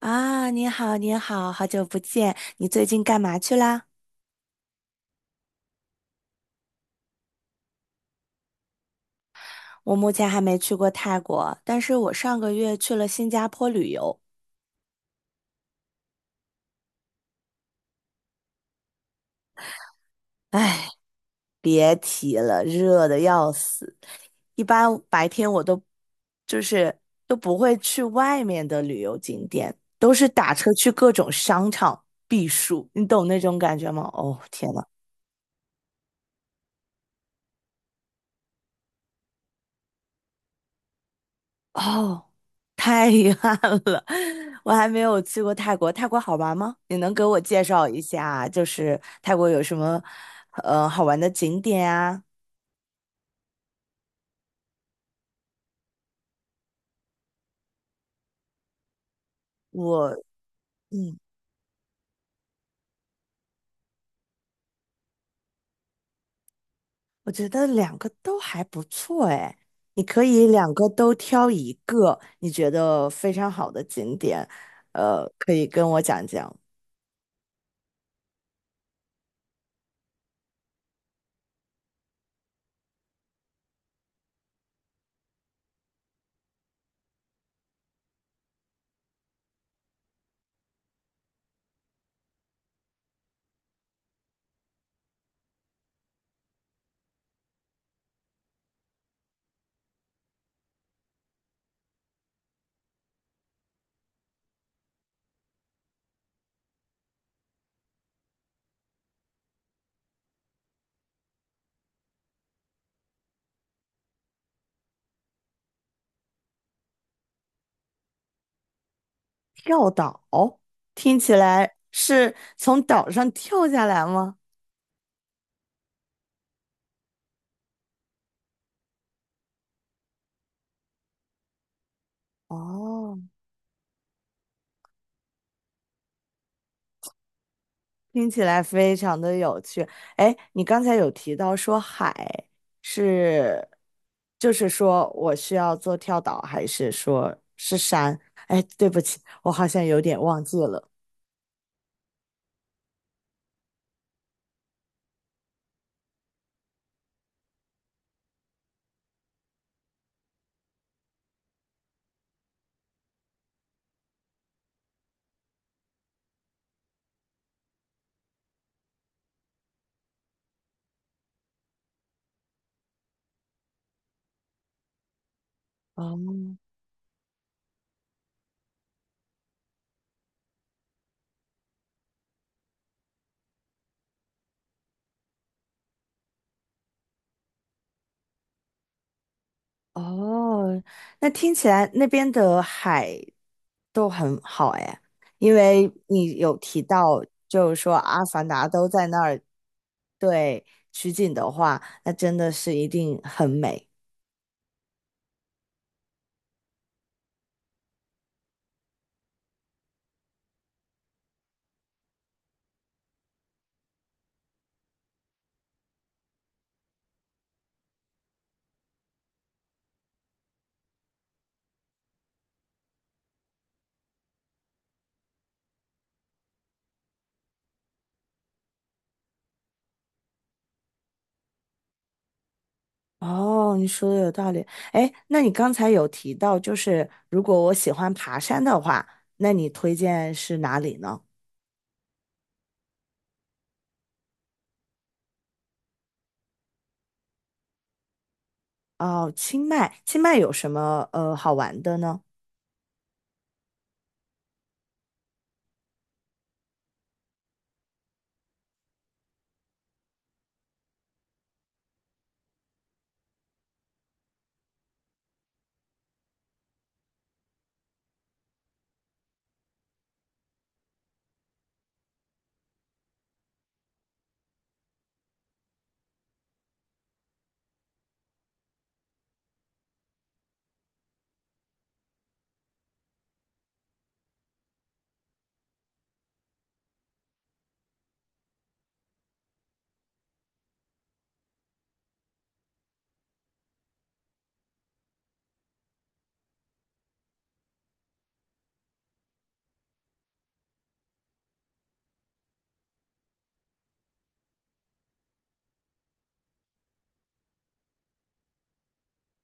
啊，你好，你好，好久不见，你最近干嘛去啦？我目前还没去过泰国，但是我上个月去了新加坡旅游。唉，别提了，热的要死。一般白天我都就是都不会去外面的旅游景点，都是打车去各种商场避暑，你懂那种感觉吗？哦，天呐！哦，太遗憾了，我还没有去过泰国。泰国好玩吗？你能给我介绍一下，就是泰国有什么好玩的景点啊？我嗯，我觉得两个都还不错哎。你可以两个都挑一个你觉得非常好的景点，可以跟我讲讲。跳岛，听起来是从岛上跳下来吗？哦。听起来非常的有趣。哎，你刚才有提到说海是，就是说我需要做跳岛，还是说是山？哎，对不起，我好像有点忘记了。哦哦，那听起来那边的海都很好哎，因为你有提到，就是说《阿凡达》都在那儿，对，取景的话，那真的是一定很美。哦，你说的有道理。哎，那你刚才有提到，就是如果我喜欢爬山的话，那你推荐是哪里呢？哦，清迈，清迈有什么好玩的呢？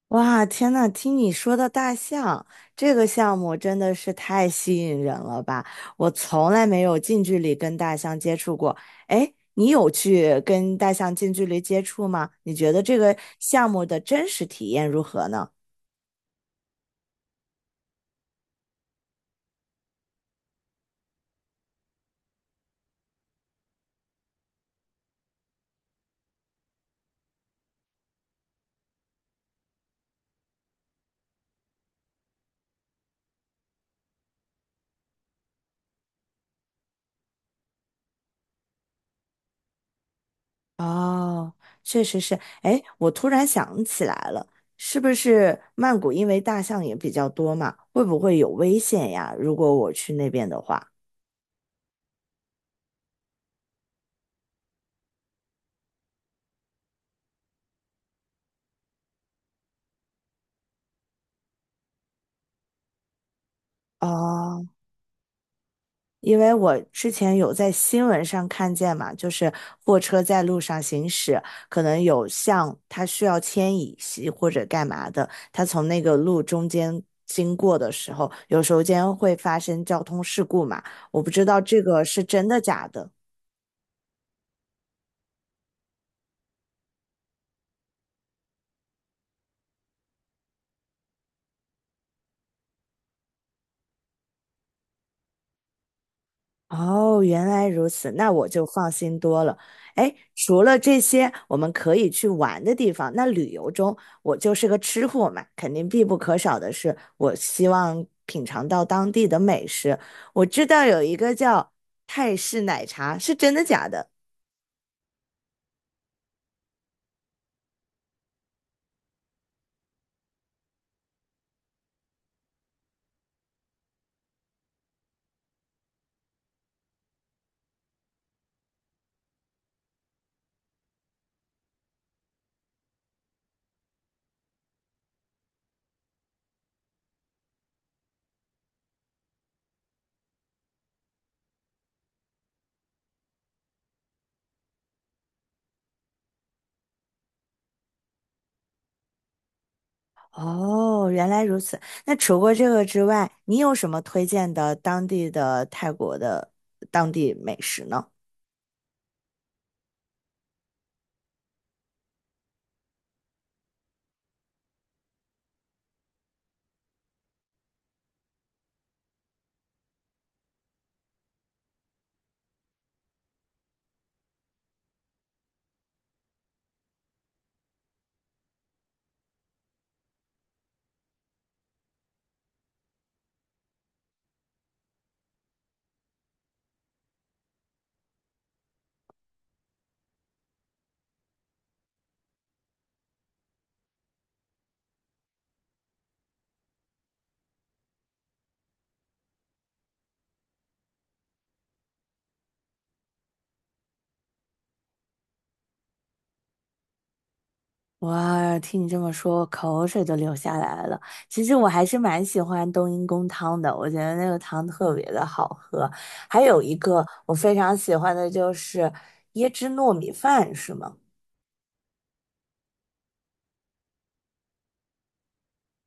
哇，天呐，听你说到大象这个项目真的是太吸引人了吧！我从来没有近距离跟大象接触过。哎，你有去跟大象近距离接触吗？你觉得这个项目的真实体验如何呢？哦，确实是。哎，我突然想起来了，是不是曼谷因为大象也比较多嘛，会不会有危险呀？如果我去那边的话，哦，因为我之前有在新闻上看见嘛，就是货车在路上行驶，可能有象它需要牵引系或者干嘛的，它从那个路中间经过的时候，有时候间会发生交通事故嘛。我不知道这个是真的假的。哦，原来如此，那我就放心多了。哎，除了这些我们可以去玩的地方，那旅游中我就是个吃货嘛，肯定必不可少的是，我希望品尝到当地的美食。我知道有一个叫泰式奶茶，是真的假的？哦，原来如此。那除过这个之外，你有什么推荐的当地的泰国的当地美食呢？哇，听你这么说，我口水都流下来了。其实我还是蛮喜欢冬阴功汤的，我觉得那个汤特别的好喝。还有一个我非常喜欢的就是椰汁糯米饭，是吗？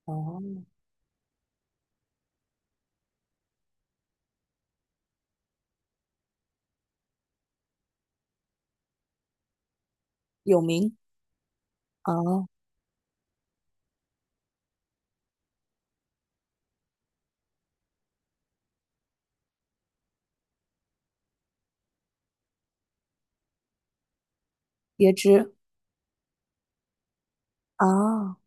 哦，有名哦，椰汁哦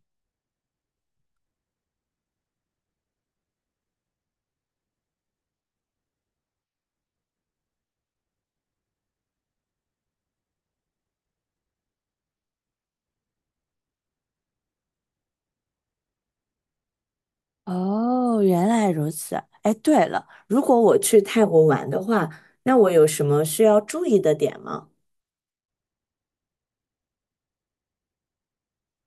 哦，原来如此。哎，对了，如果我去泰国玩的话，那我有什么需要注意的点吗？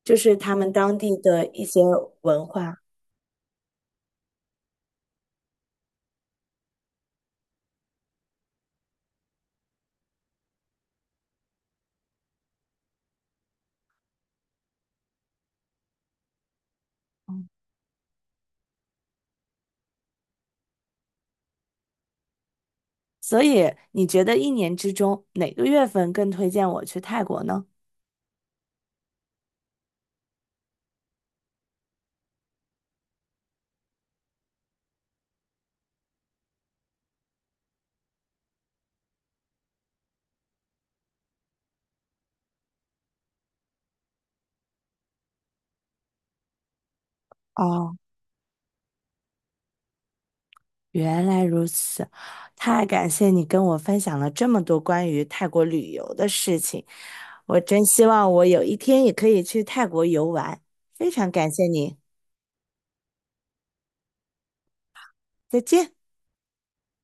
就是他们当地的一些文化。所以你觉得一年之中哪个月份更推荐我去泰国呢？哦，原来如此，太感谢你跟我分享了这么多关于泰国旅游的事情，我真希望我有一天也可以去泰国游玩，非常感谢你，再见。